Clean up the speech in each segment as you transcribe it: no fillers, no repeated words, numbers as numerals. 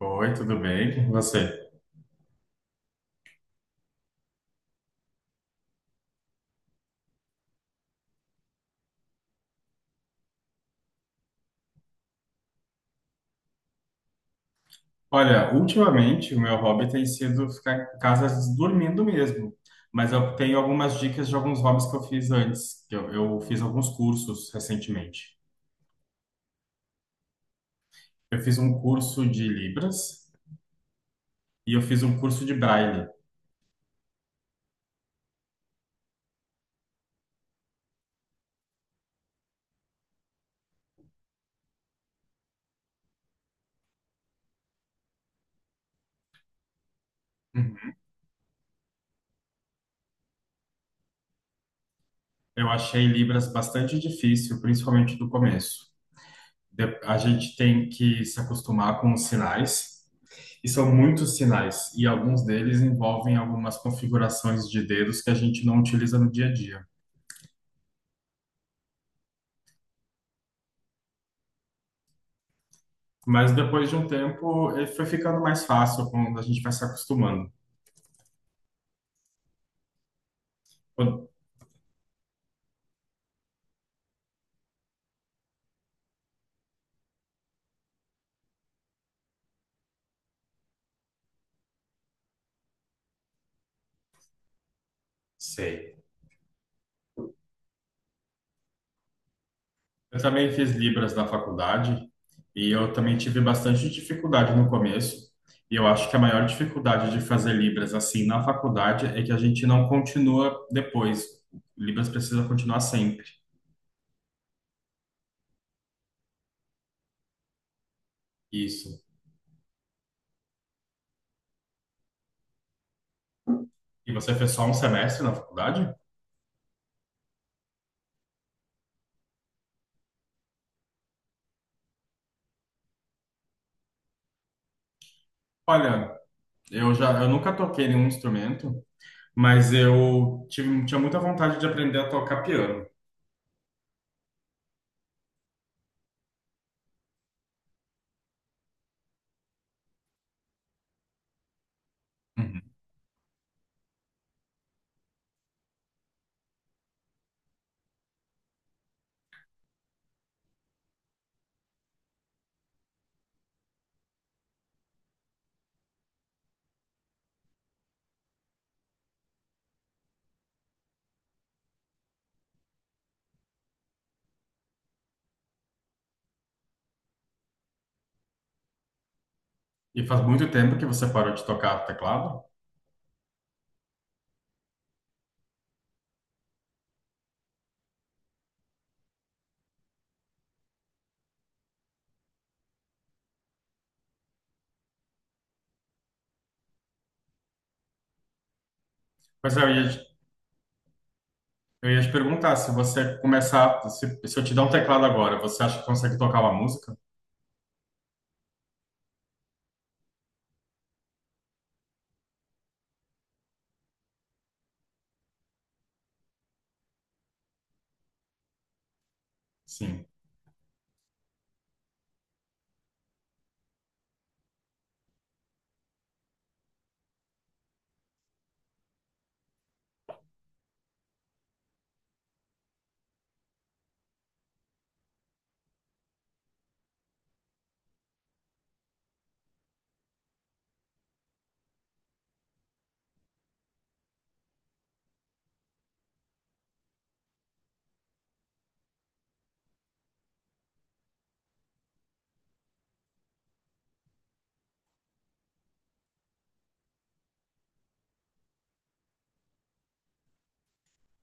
Oi, tudo bem com você? Olha, ultimamente o meu hobby tem sido ficar em casa dormindo mesmo, mas eu tenho algumas dicas de alguns hobbies que eu fiz antes, que eu fiz alguns cursos recentemente. Eu fiz um curso de Libras e eu fiz um curso de Braille. Uhum. Eu achei Libras bastante difícil, principalmente no começo. A gente tem que se acostumar com os sinais. E são muitos sinais, e alguns deles envolvem algumas configurações de dedos que a gente não utiliza no dia a dia. Mas depois de um tempo, ele foi ficando mais fácil quando a gente vai se acostumando. Quando- Sei. Eu também fiz Libras na faculdade, e eu também tive bastante dificuldade no começo. E eu acho que a maior dificuldade de fazer Libras assim na faculdade é que a gente não continua depois. Libras precisa continuar sempre. Isso. E você fez só um semestre na faculdade? Olha, eu já, eu nunca toquei nenhum instrumento, mas eu tive, tinha muita vontade de aprender a tocar piano. Uhum. E faz muito tempo que você parou de tocar teclado. Mas eu ia, te- eu ia te perguntar se você começar, se eu te dar um teclado agora, você acha que consegue tocar uma música? Sim.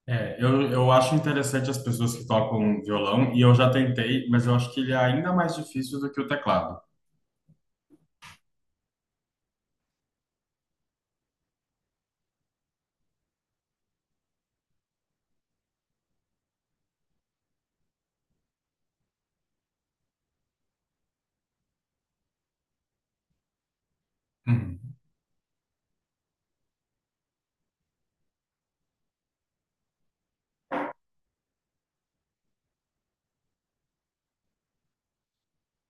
É, eu acho interessante as pessoas que tocam violão e eu já tentei, mas eu acho que ele é ainda mais difícil do que o teclado. Uhum.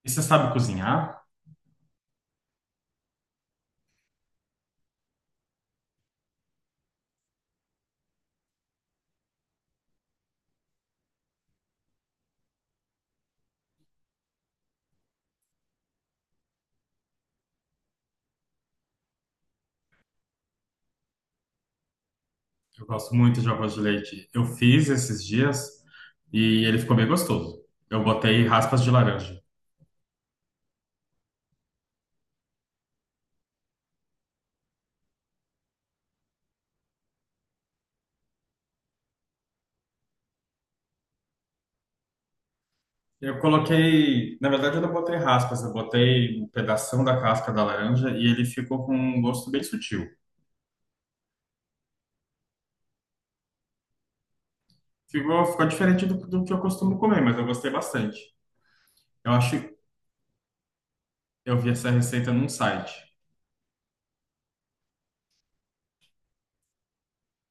E você sabe cozinhar? Eu gosto muito de arroz de leite. Eu fiz esses dias e ele ficou bem gostoso. Eu botei raspas de laranja. Eu coloquei, na verdade, eu não botei raspas, eu botei um pedação da casca da laranja e ele ficou com um gosto bem sutil. Ficou diferente do, do que eu costumo comer, mas eu gostei bastante. Eu acho, eu vi essa receita num site.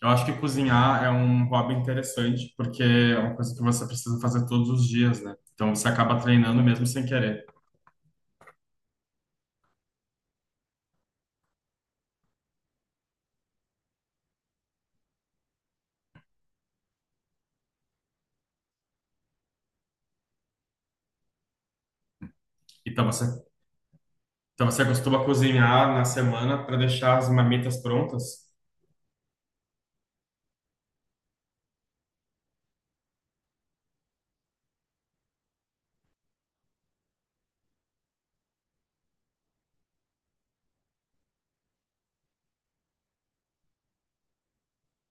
Eu acho que cozinhar é um hobby interessante, porque é uma coisa que você precisa fazer todos os dias, né? Então você acaba treinando mesmo sem querer. Então você Então você costuma cozinhar na semana para deixar as marmitas prontas?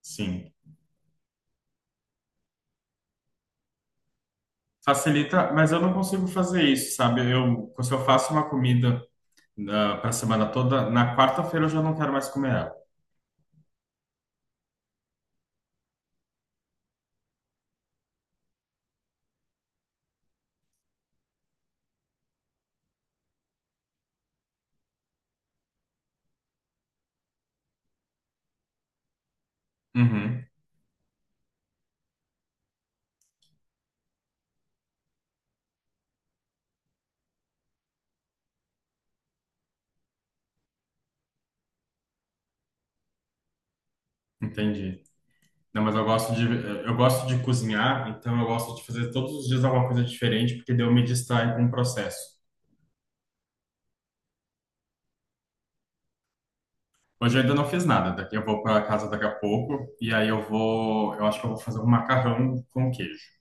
Sim. Facilita, mas eu não consigo fazer isso, sabe? Eu, se eu faço uma comida para a semana toda, na quarta-feira eu já não quero mais comer ela. Uhum, entendi. Não, mas eu gosto de cozinhar, então eu gosto de fazer todos os dias alguma coisa diferente, porque daí eu me distraio com o processo. Hoje eu ainda não fiz nada, daqui eu vou para casa daqui a pouco, e aí eu vou, eu acho que eu vou fazer um macarrão com queijo.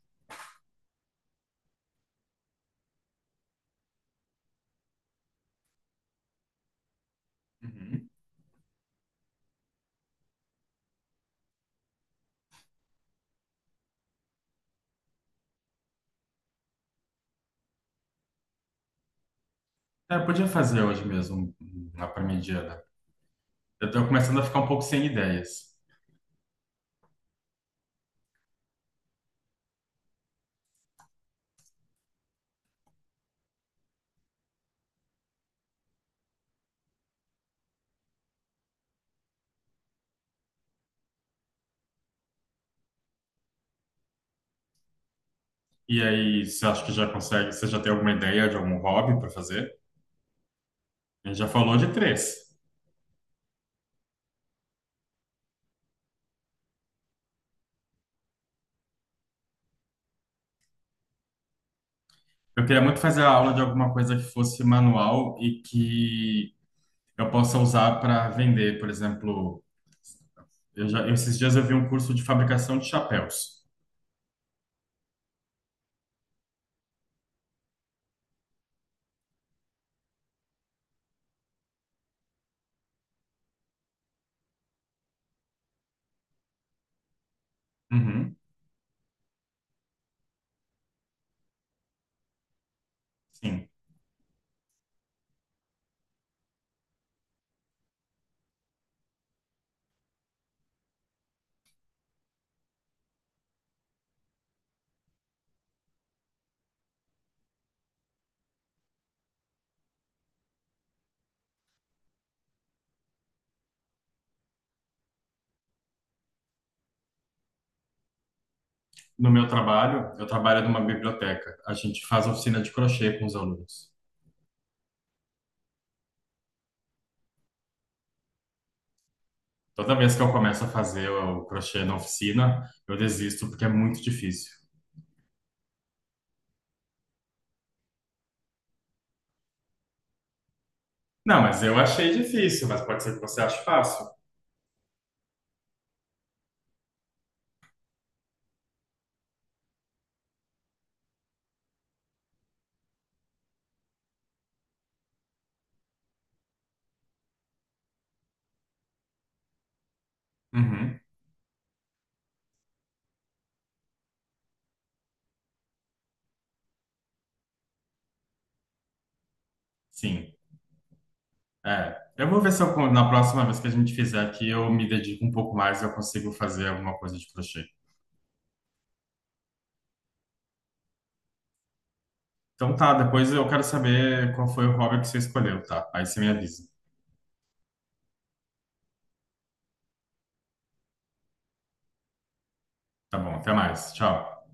Uhum. É, eu podia fazer hoje mesmo, lá para mediana. Eu tô começando a ficar um pouco sem ideias. E aí, você acha que já consegue? Você já tem alguma ideia de algum hobby para fazer? A gente já falou de três. Eu queria muito fazer a aula de alguma coisa que fosse manual e que eu possa usar para vender. Por exemplo, eu já, esses dias eu vi um curso de fabricação de chapéus. Uhum, sim. No meu trabalho, eu trabalho numa biblioteca. A gente faz oficina de crochê com os alunos. Toda vez que eu começo a fazer o crochê na oficina, eu desisto porque é muito difícil. Não, mas eu achei difícil, mas pode ser que você ache fácil. Uhum, sim. É. Eu vou ver se eu, na próxima vez que a gente fizer aqui, eu me dedico um pouco mais e eu consigo fazer alguma coisa de crochê. Então tá, depois eu quero saber qual foi o hobby que você escolheu, tá? Aí você me avisa. Tá bom, até mais. Tchau.